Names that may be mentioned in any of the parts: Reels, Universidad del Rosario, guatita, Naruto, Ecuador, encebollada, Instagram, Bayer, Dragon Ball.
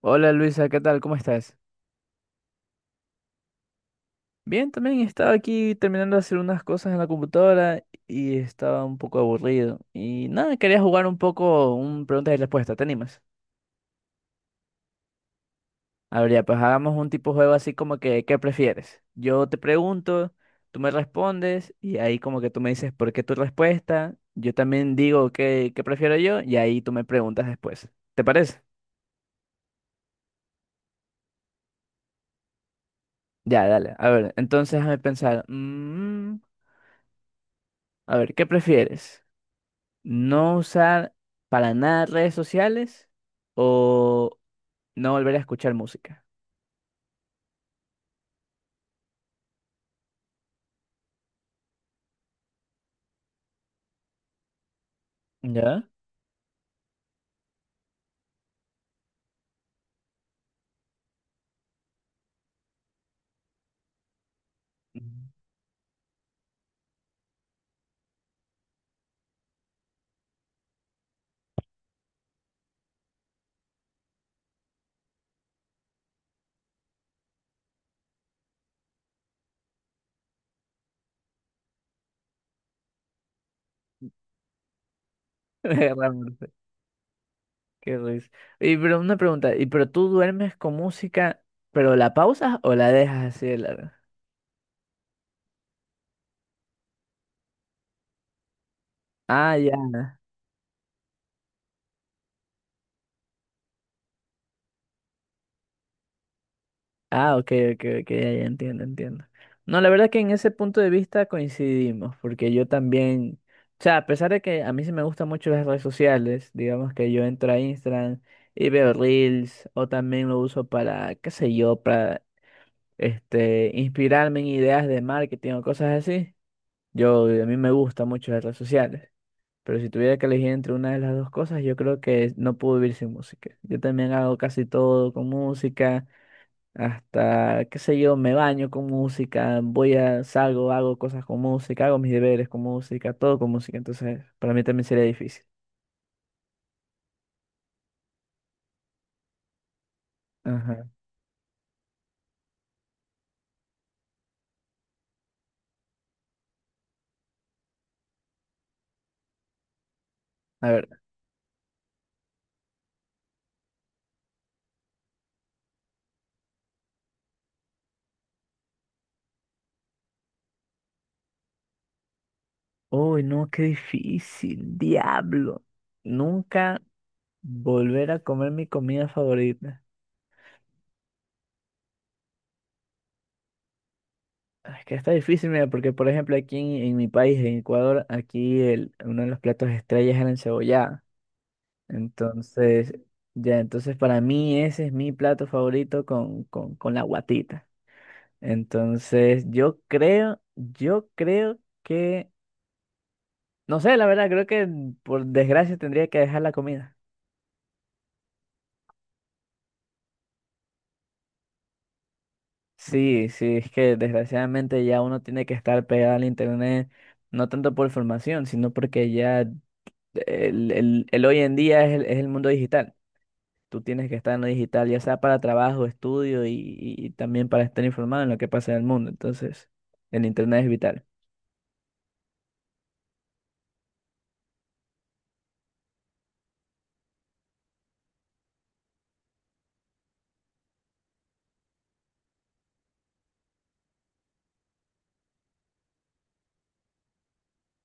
Hola Luisa, ¿qué tal? ¿Cómo estás? Bien, también estaba aquí terminando de hacer unas cosas en la computadora y estaba un poco aburrido. Y nada, quería jugar un poco un preguntas y respuestas, ¿te animas? A ver, ya, pues hagamos un tipo de juego así como que, ¿qué prefieres? Yo te pregunto, tú me respondes y ahí como que tú me dices por qué tu respuesta, yo también digo qué prefiero yo y ahí tú me preguntas después. ¿Te parece? Ya, dale. A ver, entonces déjame pensar. A ver, ¿qué prefieres? No usar para nada redes sociales o no volver a escuchar música. ¿Ya? Ujú. Realmente, qué risa. Y pero una pregunta, ¿y pero tú duermes con música, pero la pausas o la dejas así de larga? Ah, ya. Ah, ok, ok, ok, ya, ya entiendo, entiendo. No, la verdad que en ese punto de vista coincidimos, porque yo también, o sea, a pesar de que a mí sí me gustan mucho las redes sociales, digamos que yo entro a Instagram y veo Reels, o también lo uso para, qué sé yo, para este, inspirarme en ideas de marketing o cosas así. Yo, a mí me gustan mucho las redes sociales, pero si tuviera que elegir entre una de las dos cosas, yo creo que no puedo vivir sin música. Yo también hago casi todo con música hasta, qué sé yo, me baño con música, voy a, salgo, hago cosas con música, hago mis deberes con música, todo con música, entonces para mí también sería difícil. Ajá. A ver. Uy, no, qué difícil, diablo. Nunca volver a comer mi comida favorita. Ah, es que está difícil, mira, porque por ejemplo aquí en mi país, en Ecuador, aquí el, uno de los platos estrellas es la encebollada. Entonces, ya, entonces para mí ese es mi plato favorito con, con la guatita. Entonces, yo creo que, no sé, la verdad, creo que por desgracia tendría que dejar la comida. Sí, sí, es que desgraciadamente ya uno tiene que estar pegado al internet, no tanto por formación, sino porque ya el hoy en día es el mundo digital. Tú tienes que estar en lo digital, ya sea para trabajo, estudio y también para estar informado en lo que pasa en el mundo. Entonces, el internet es vital.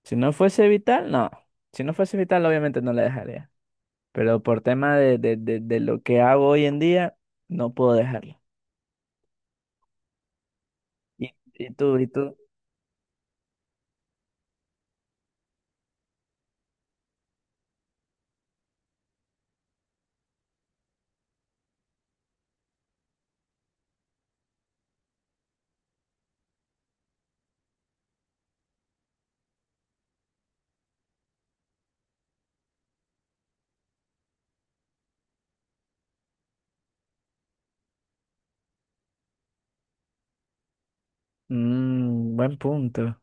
Si no fuese vital, no. Si no fuese vital, obviamente no la dejaría, pero por tema de, de lo que hago hoy en día, no puedo dejarlo. ¿Y tú, y tú? Mm, buen punto.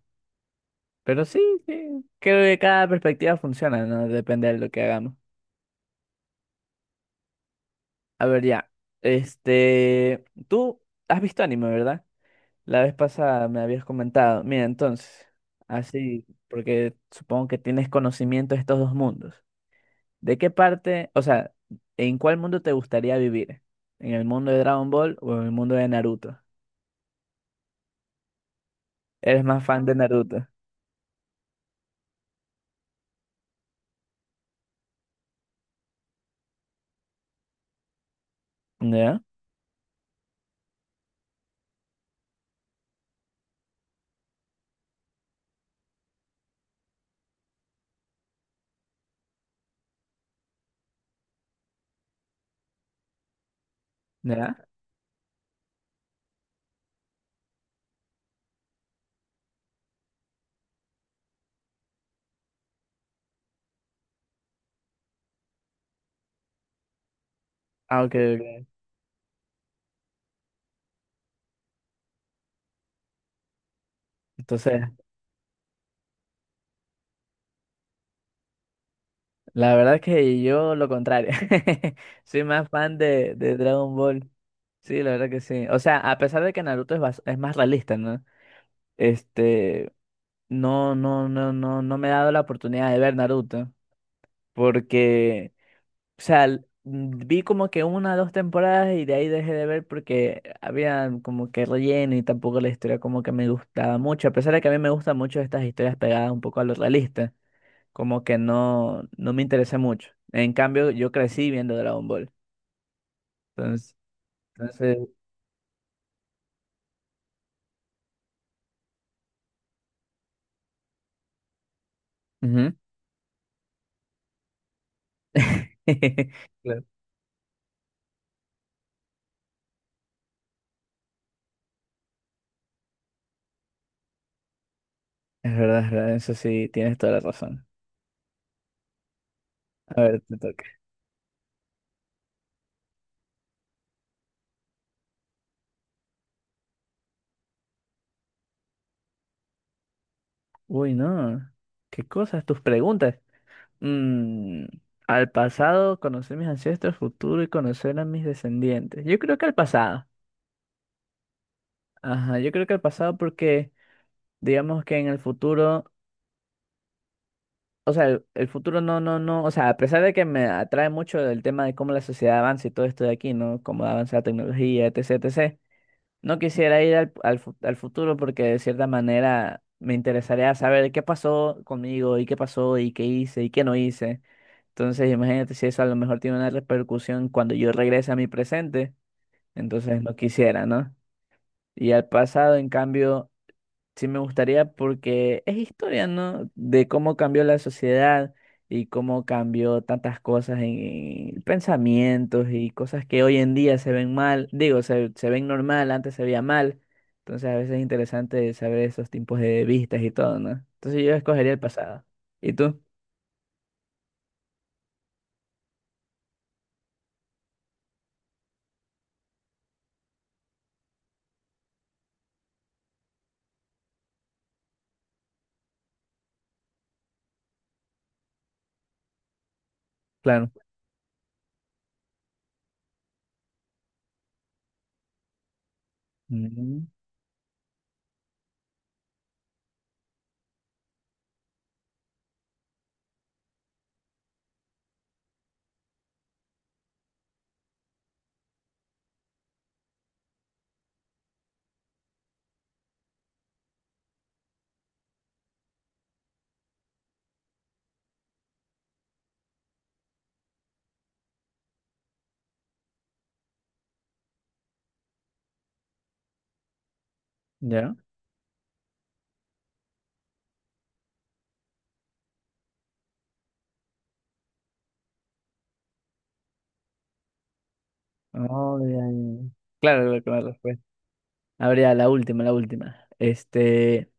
Pero sí, sí, creo que cada perspectiva funciona, ¿no? Depende de lo que hagamos. A ver, ya. Este, tú has visto anime, ¿verdad? La vez pasada me habías comentado. Mira, entonces, así, porque supongo que tienes conocimiento de estos dos mundos. ¿De qué parte, o sea, en cuál mundo te gustaría vivir? ¿En el mundo de Dragon Ball o en el mundo de Naruto? Eres más fan de Naruto. ¿Ya? ¿Ya? Ah, ok, ok. Entonces, la verdad es que yo lo contrario. Soy más fan de Dragon Ball. Sí, la verdad que sí. O sea, a pesar de que Naruto es, bas- es más realista, ¿no? Este, no, no, no, no, no me he dado la oportunidad de ver Naruto. Porque o sea, l- vi como que una o dos temporadas y de ahí dejé de ver porque había como que relleno y tampoco la historia como que me gustaba mucho. A pesar de que a mí me gustan mucho estas historias pegadas un poco a lo realista, como que no, no me interesé mucho. En cambio, yo crecí viendo Dragon Ball. Entonces, entonces, Ujú. Claro. Es verdad, eso sí, tienes toda la razón. A ver, te toca. Uy, no. ¿Qué cosas? Tus preguntas. Mm, al pasado, conocer mis ancestros, futuro y conocer a mis descendientes. Yo creo que al pasado. Ajá, yo creo que al pasado porque digamos que en el futuro, o sea, el futuro no, no, no, o sea, a pesar de que me atrae mucho el tema de cómo la sociedad avanza y todo esto de aquí, ¿no? Cómo avanza la tecnología, etc, etc. No quisiera ir al, al futuro porque de cierta manera me interesaría saber qué pasó conmigo y qué pasó y qué hice y qué no hice. Entonces, imagínate si eso a lo mejor tiene una repercusión cuando yo regrese a mi presente, entonces no quisiera, ¿no? Y al pasado, en cambio, sí me gustaría porque es historia, ¿no? De cómo cambió la sociedad y cómo cambió tantas cosas en, pensamientos y cosas que hoy en día se ven mal, digo, se ven normal, antes se veía mal. Entonces, a veces es interesante saber esos tipos de vistas y todo, ¿no? Entonces, yo escogería el pasado. ¿Y tú? Claro. Mm. ¿Ya? Oh, ya, ya. Claro, claro, claro, pues. A ver, ya, la última, la última. Este,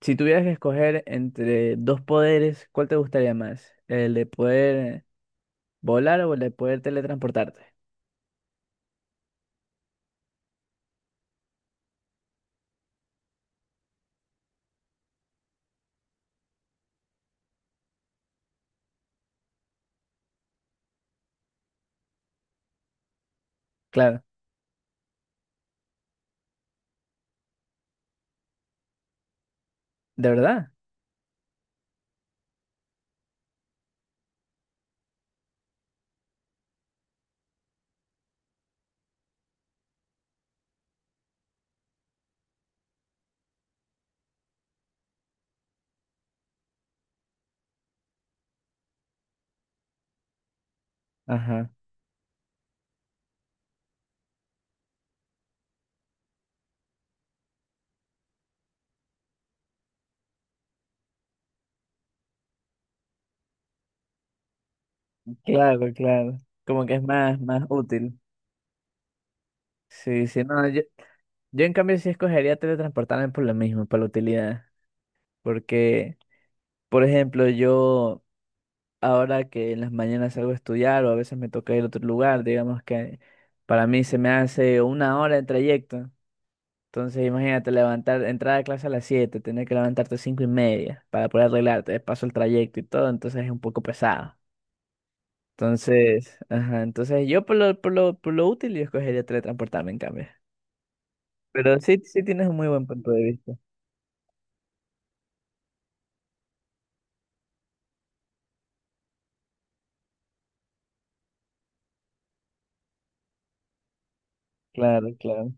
si tuvieras que escoger entre dos poderes, ¿cuál te gustaría más? ¿El de poder volar o el de poder teletransportarte? Claro, ¿de verdad? Ajá. Claro, claro. Como que es más, más útil. Sí, sí, no, yo en cambio sí escogería teletransportarme por lo mismo, por la utilidad. Porque, por ejemplo, yo ahora que en las mañanas salgo a estudiar o a veces me toca ir a otro lugar, digamos que para mí se me hace una hora de trayecto. Entonces imagínate levantar, entrar a clase a las 7:00, tener que levantarte a 5:30 para poder arreglarte, de paso el trayecto y todo, entonces es un poco pesado. Entonces, ajá, entonces yo por lo útil yo escogería teletransportarme en cambio. Pero sí, sí tienes un muy buen punto de vista. Claro, claro.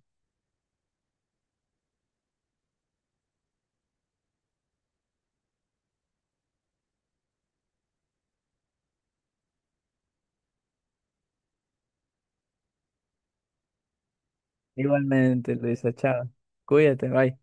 Igualmente, Luisa, chao. Cuídate, bye.